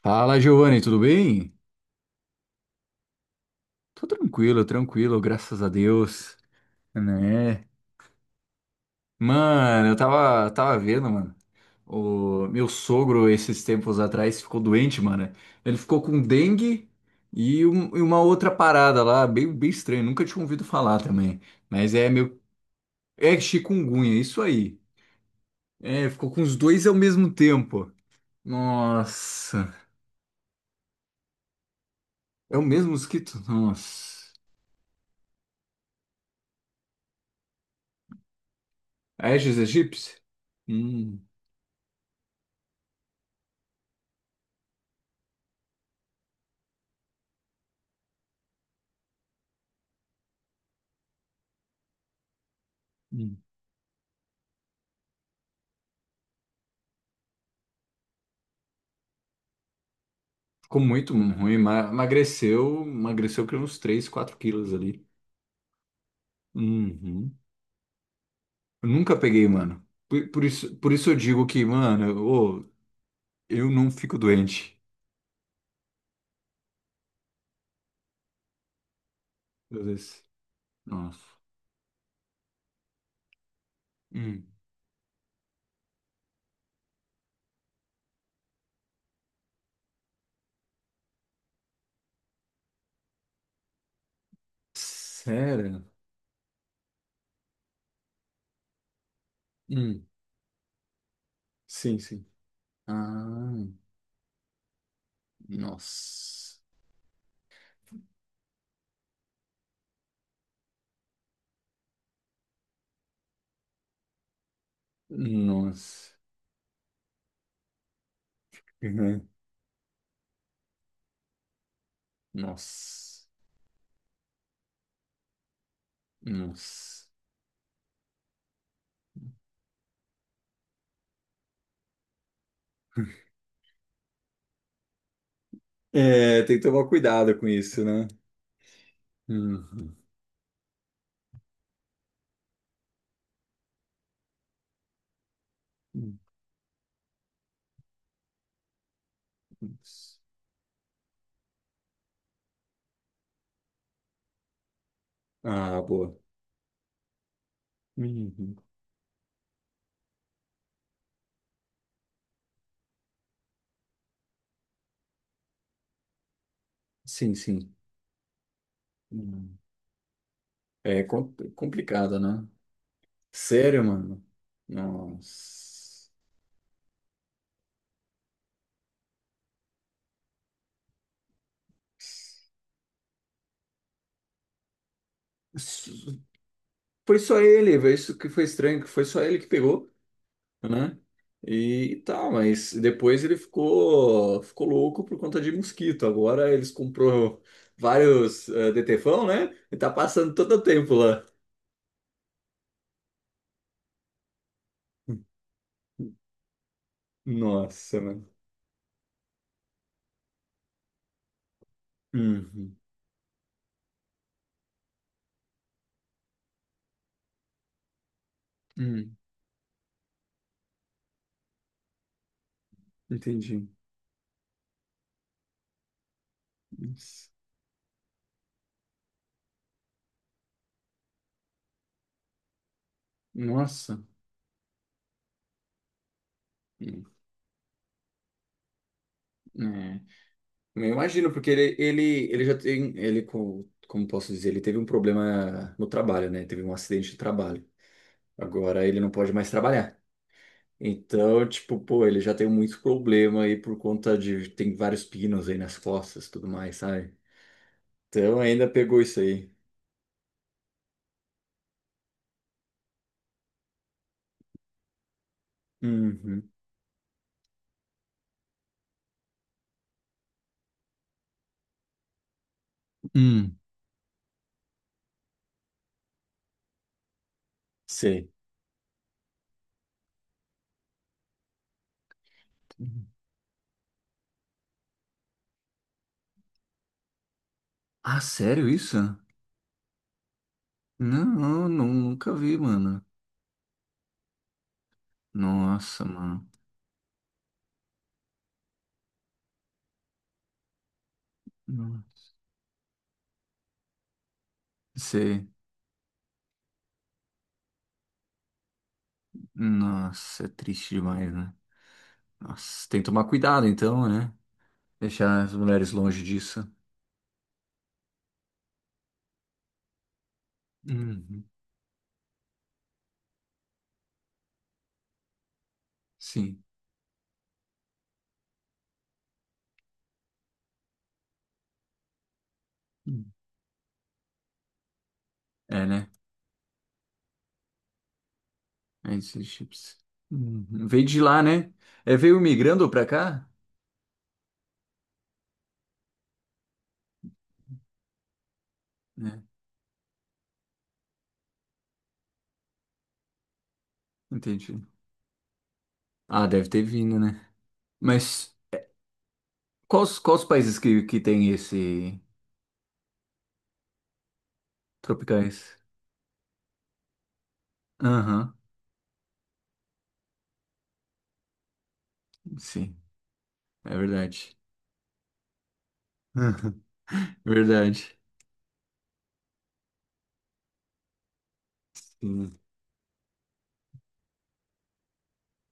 Fala, Giovanni, tudo bem? Tô tranquilo, tranquilo, graças a Deus, né? Mano, eu tava vendo, mano. O meu sogro, esses tempos atrás, ficou doente, mano. Ele ficou com dengue e uma outra parada lá, bem, bem estranho. Nunca tinha ouvido falar também. Mas é meu. É chikungunya, isso aí. É, ficou com os dois ao mesmo tempo. Nossa. É o mesmo mosquito? Nossa. Aedes aegypti? Hum. Hum. Ficou muito ruim, emagreceu, emagreceu que uns três, 4 quilos ali. Uhum. Eu nunca peguei, mano. Por isso eu digo que, mano, ô, eu não fico doente. Meu Deus. Nossa. Hum. Sério? Hum. Sim, sim. Ah, nossa. Nossa. Uhum. Nossa. Nossa. É, tem que tomar cuidado com isso, né? Uhum. Uhum. Ah, boa. Uhum. Sim, sim. Hum. É complicado, né? Sério, mano. Nossa. Foi só ele, velho. Isso que foi estranho, que foi só ele que pegou, né? E, tal, mas depois ele ficou, ficou louco por conta de mosquito. Agora eles comprou vários detefão, né? E tá passando todo o tempo lá. Nossa, mano. Uhum. Hum, entendi. Nossa. Nossa. Hum, é. Eu imagino, porque ele já tem, ele, como posso dizer, ele teve um problema no trabalho, né? Teve um acidente de trabalho. Agora ele não pode mais trabalhar. Então, tipo, pô, ele já tem muito problema aí por conta de, tem vários pinos aí nas costas, e tudo mais, sabe? Então ainda pegou isso aí. Uhum, Hum. Sei. Ah, sério isso? Não, não, nunca vi, mano. Nossa, mano. Nossa. Sei. Nossa, é triste demais, né? Nossa, tem que tomar cuidado então, né? Deixar as mulheres longe disso. Uhum. Sim. Uhum. É, né? Relationships. Uhum. Veio de lá, né? É, veio migrando pra cá? Né? Entendi. Ah, deve ter vindo, né? Mas quais países que tem esse tropicais? Aham, sim, é verdade. Verdade. Sim,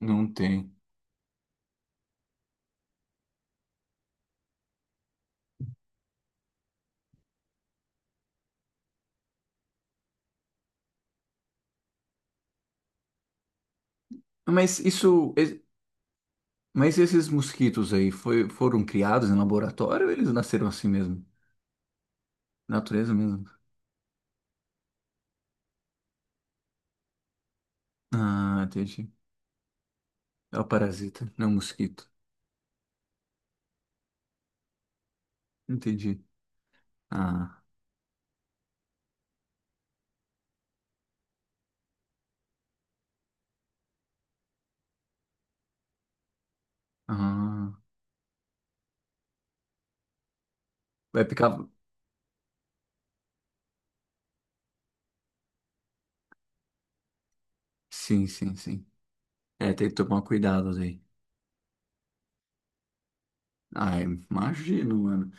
não tem. Mas isso, mas esses mosquitos aí foi, foram criados em laboratório ou eles nasceram assim mesmo? Natureza mesmo. Ah, entendi. É o parasita, não é o mosquito. Entendi. Ah, ah. Vai picar. Sim, sim, sim. É, tem que tomar cuidado aí. Ai, imagino, mano.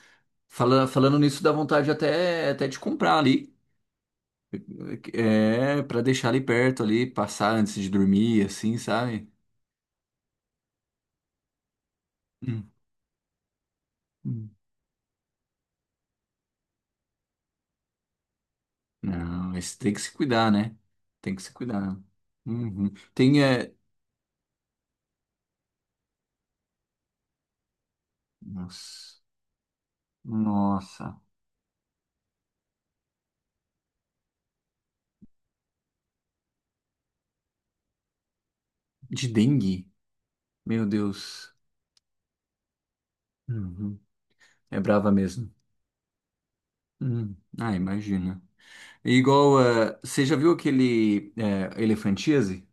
Fala, falando nisso, dá vontade até, até de comprar ali. É, pra deixar ali perto ali, passar antes de dormir, assim, sabe? Hum, hum. Não, esse tem que se cuidar, né? Tem que se cuidar. Uhum. Tem, é... Nossa. Nossa. De dengue? Meu Deus. Uhum. É brava mesmo. Uhum. Ah, imagina. E igual, você já viu aquele Elefantíase?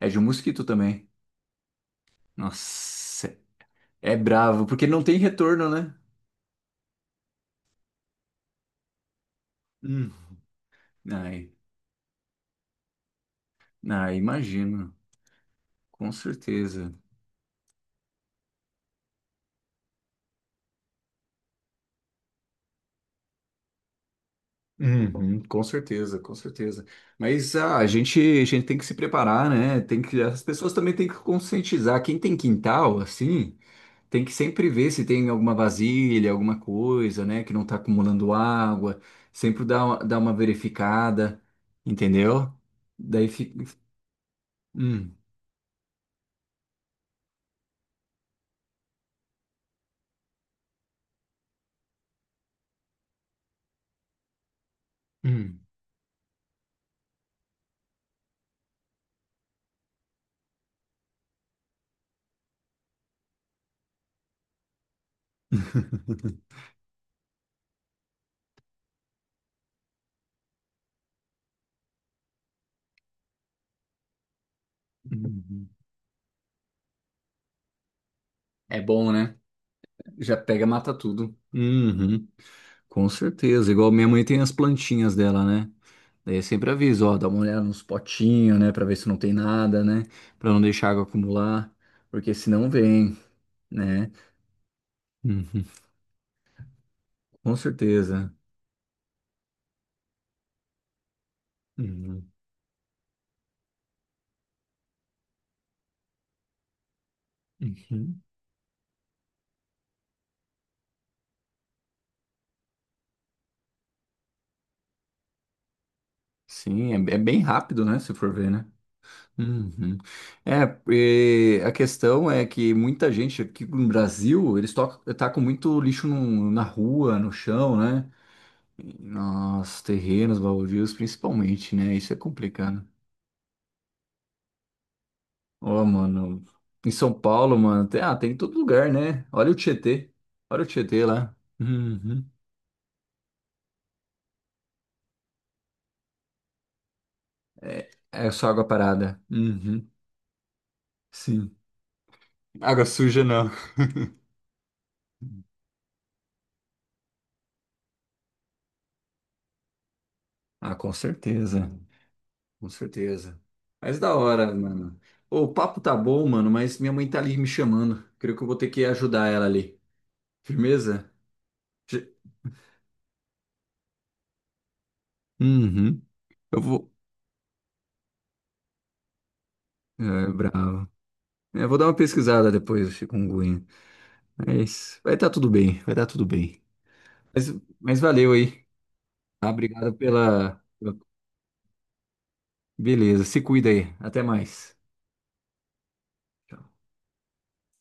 É de um mosquito também. Nossa, é bravo, porque não tem retorno, né? Hum. Ai, ah, imagino, com certeza. Uhum, com certeza, com certeza. Mas ah, a gente tem que se preparar, né? Tem que, as pessoas também têm que conscientizar. Quem tem quintal, assim. Tem que sempre ver se tem alguma vasilha, alguma coisa, né, que não tá acumulando água. Sempre dá uma verificada, entendeu? Daí fica. Hum, hum, hum. É bom, né? Já pega, mata tudo. Uhum. Com certeza. Igual minha mãe tem as plantinhas dela, né? Daí eu sempre aviso, ó, dá uma olhada nos potinhos, né, pra ver se não tem nada, né, pra não deixar a água acumular, porque senão vem, né? Uhum. Com certeza. Uhum. Uhum. Sim, é, é bem rápido, né? Se for ver, né? Uhum. É, e a questão é que muita gente aqui no Brasil, eles tocam, tá com muito lixo na rua, no chão, né? Nos terrenos, baldios, principalmente, né? Isso é complicado. Ó, mano, em São Paulo, mano, tem, ah, tem em todo lugar, né? Olha o Tietê. Olha o Tietê lá. Uhum. É, é só água parada. Uhum. Sim. Água suja, não. Ah, com certeza. Com certeza. Mas da hora, mano. Ô, o papo tá bom, mano, mas minha mãe tá ali me chamando. Creio que eu vou ter que ajudar ela ali. Firmeza? Ge- Uhum. Eu vou. É, bravo. É, vou dar uma pesquisada depois do chikungunya. Mas vai tá tudo bem, vai dar tudo bem. Mas, mas valeu aí. Tá? Obrigado pela. Beleza, se cuida aí. Até mais. Tchau.